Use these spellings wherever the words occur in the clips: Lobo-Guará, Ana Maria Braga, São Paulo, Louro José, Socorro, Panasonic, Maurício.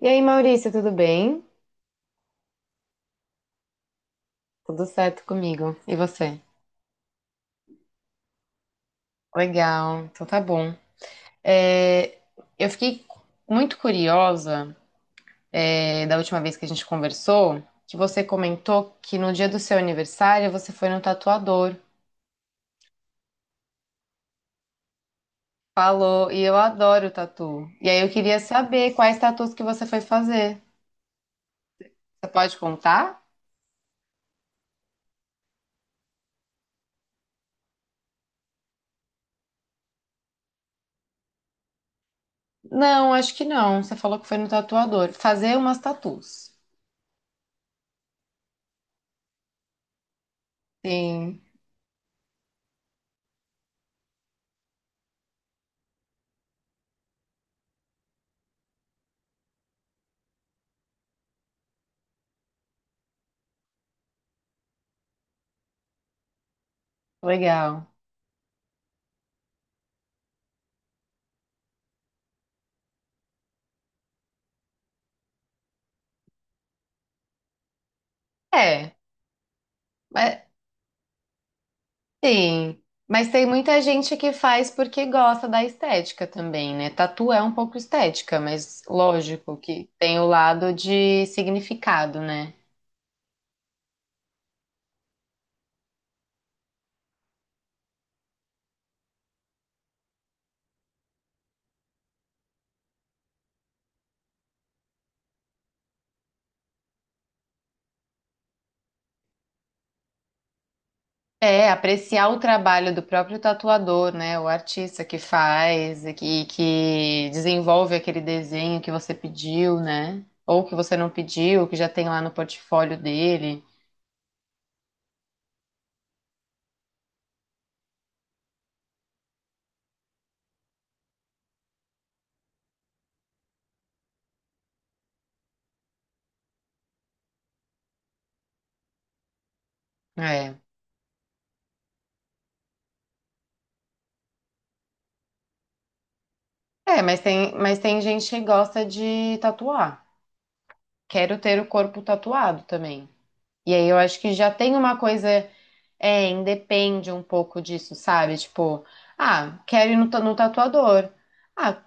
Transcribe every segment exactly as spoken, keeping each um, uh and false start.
E aí, Maurício, tudo bem? Tudo certo comigo. E você? Legal, então tá bom. É, eu fiquei muito curiosa. É, da última vez que a gente conversou, que você comentou que no dia do seu aniversário você foi no tatuador. Falou, e eu adoro tatu. E aí eu queria saber quais tatus que você foi fazer. Você pode contar? Não, acho que não. Você falou que foi no tatuador. Fazer umas tatus. Sim, legal. É, mas sim, mas tem muita gente que faz porque gosta da estética também, né? Tatu é um pouco estética, mas lógico que tem o lado de significado, né? É, apreciar o trabalho do próprio tatuador, né? O artista que faz e que, que desenvolve aquele desenho que você pediu, né? Ou que você não pediu, que já tem lá no portfólio dele. É. É, mas tem, mas tem gente que gosta de tatuar. Quero ter o corpo tatuado também. E aí eu acho que já tem uma coisa, é, independe um pouco disso, sabe? Tipo, ah, quero ir no, ta- no tatuador. Ah,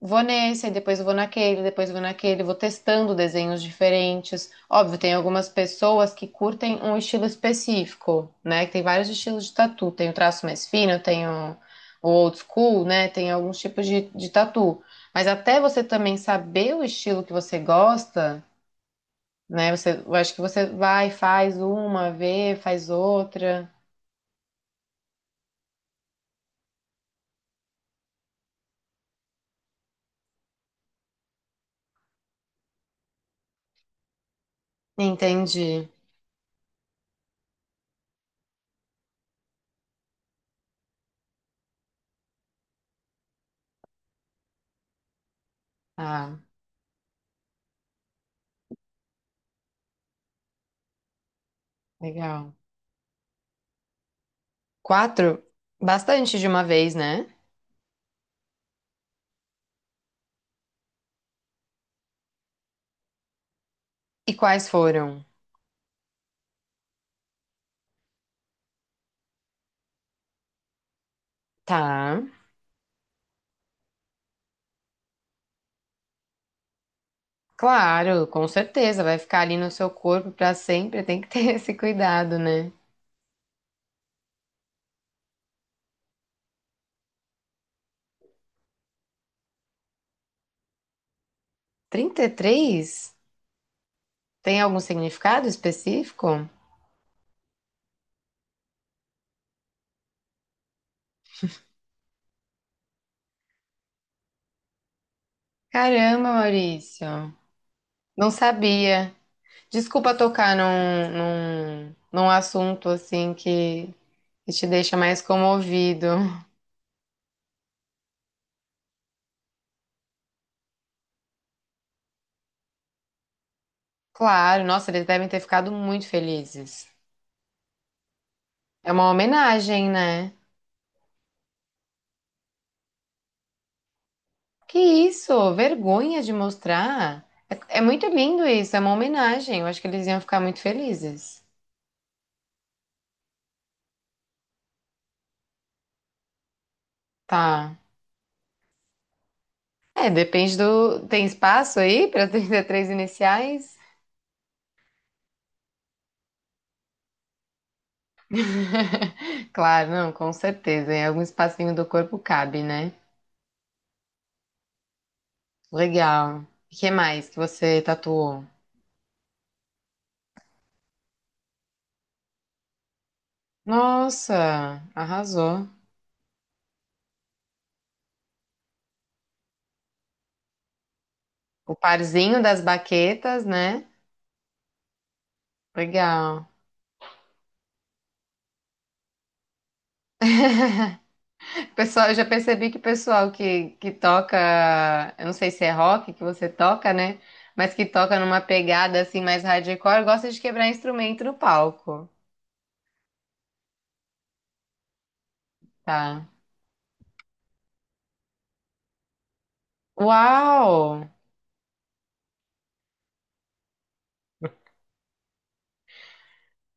vou nesse, aí depois vou naquele, depois vou naquele, vou testando desenhos diferentes. Óbvio, tem algumas pessoas que curtem um estilo específico, né? Que tem vários estilos de tatu. Tem o traço mais fino, tem o, o old school, né? Tem alguns tipos de, de tatu. Mas até você também saber o estilo que você gosta né? Você, eu acho que você vai, faz uma, vê, faz outra. Entendi. Ah, legal. Quatro? Bastante de uma vez, né? E quais foram? Tá. Claro, com certeza. Vai ficar ali no seu corpo pra sempre. Tem que ter esse cuidado, né? Trinta e três. Tem algum significado específico? Caramba, Maurício. Não sabia. Desculpa tocar num, num, num assunto assim que e te deixa mais comovido. Claro, nossa, eles devem ter ficado muito felizes. É uma homenagem, né? Que isso? Vergonha de mostrar. É, é muito lindo isso, é uma homenagem. Eu acho que eles iam ficar muito felizes. Tá. É, depende do. Tem espaço aí para trinta e três iniciais? Claro, não, com certeza. Em algum espacinho do corpo cabe, né? Legal. O que mais que você tatuou? Nossa, arrasou. O parzinho das baquetas, né? Legal. Pessoal, eu já percebi que o pessoal que, que toca, eu não sei se é rock que você toca, né? Mas que toca numa pegada assim mais hardcore, gosta de quebrar instrumento no palco, tá? Uau!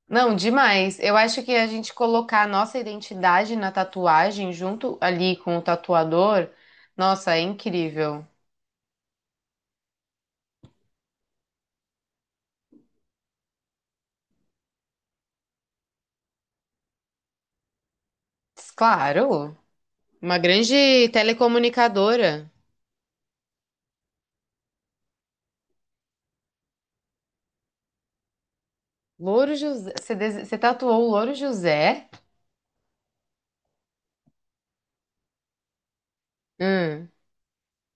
Não, demais. Eu acho que a gente colocar a nossa identidade na tatuagem junto ali com o tatuador, nossa, é incrível. Claro, uma grande telecomunicadora. Louro José. Você, dese- você tatuou o Louro José? Hum,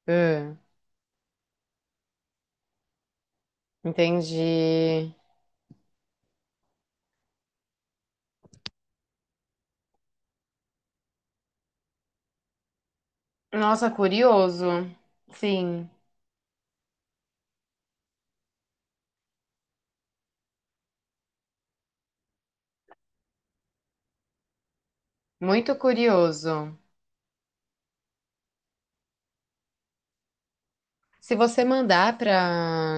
hum, entendi. Nossa, curioso. Sim, muito curioso. Se você mandar para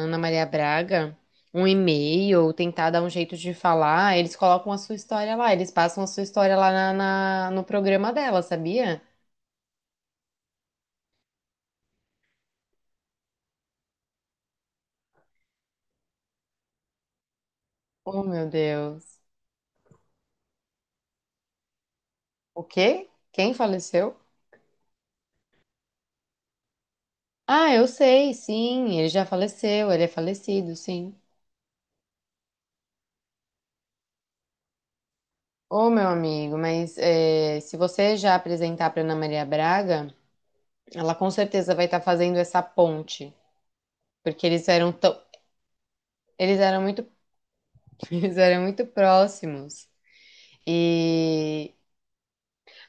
Ana Maria Braga um e-mail ou tentar dar um jeito de falar, eles colocam a sua história lá. Eles passam a sua história lá na, na- no programa dela, sabia? Oh, meu Deus. O quê? Quem faleceu? Ah, eu sei, sim. Ele já faleceu. Ele é falecido, sim. Ô, meu amigo, mas é, se você já apresentar para Ana Maria Braga, ela com certeza vai estar fazendo essa ponte, porque eles eram tão, eles eram muito, eles eram muito próximos.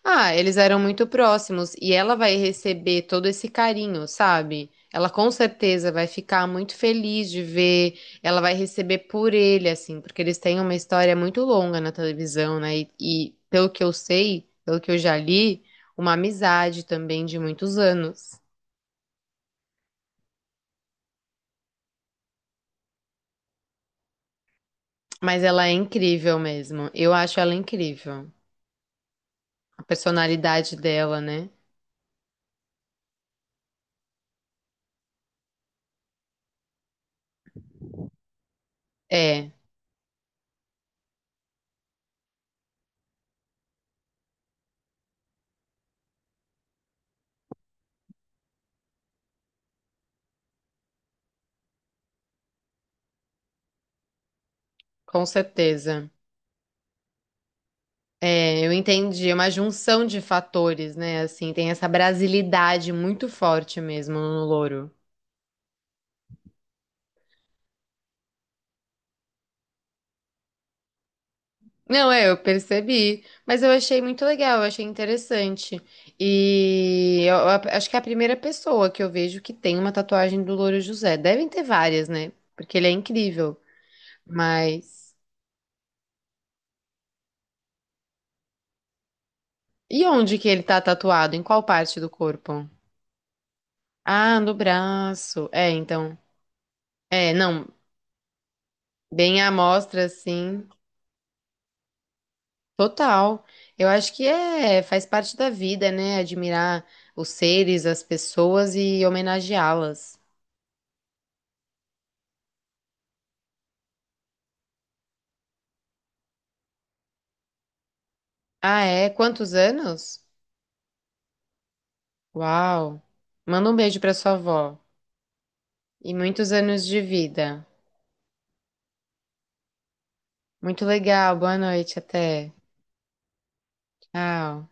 Ah, eles eram muito próximos e ela vai receber todo esse carinho, sabe? Ela com certeza vai ficar muito feliz de ver, ela vai receber por ele, assim, porque eles têm uma história muito longa na televisão, né? E, e pelo que eu sei, pelo que eu já li, uma amizade também de muitos anos. Mas ela é incrível mesmo, eu acho ela incrível. A personalidade dela, né? É, com certeza. É, eu entendi, é uma junção de fatores, né? Assim, tem essa brasilidade muito forte mesmo no louro. Não, é, eu percebi, mas eu achei muito legal, eu achei interessante. E eu, eu acho que é a primeira pessoa que eu vejo que tem uma tatuagem do Louro José. Devem ter várias, né? Porque ele é incrível. Mas e onde que ele tá tatuado? Em qual parte do corpo? Ah, no braço. É, então. É, não, bem à mostra, assim. Total. Eu acho que é, faz parte da vida, né? Admirar os seres, as pessoas e homenageá-las. Ah, é? Quantos anos? Uau! Manda um beijo pra sua avó. E muitos anos de vida. Muito legal. Boa noite, até. Tchau.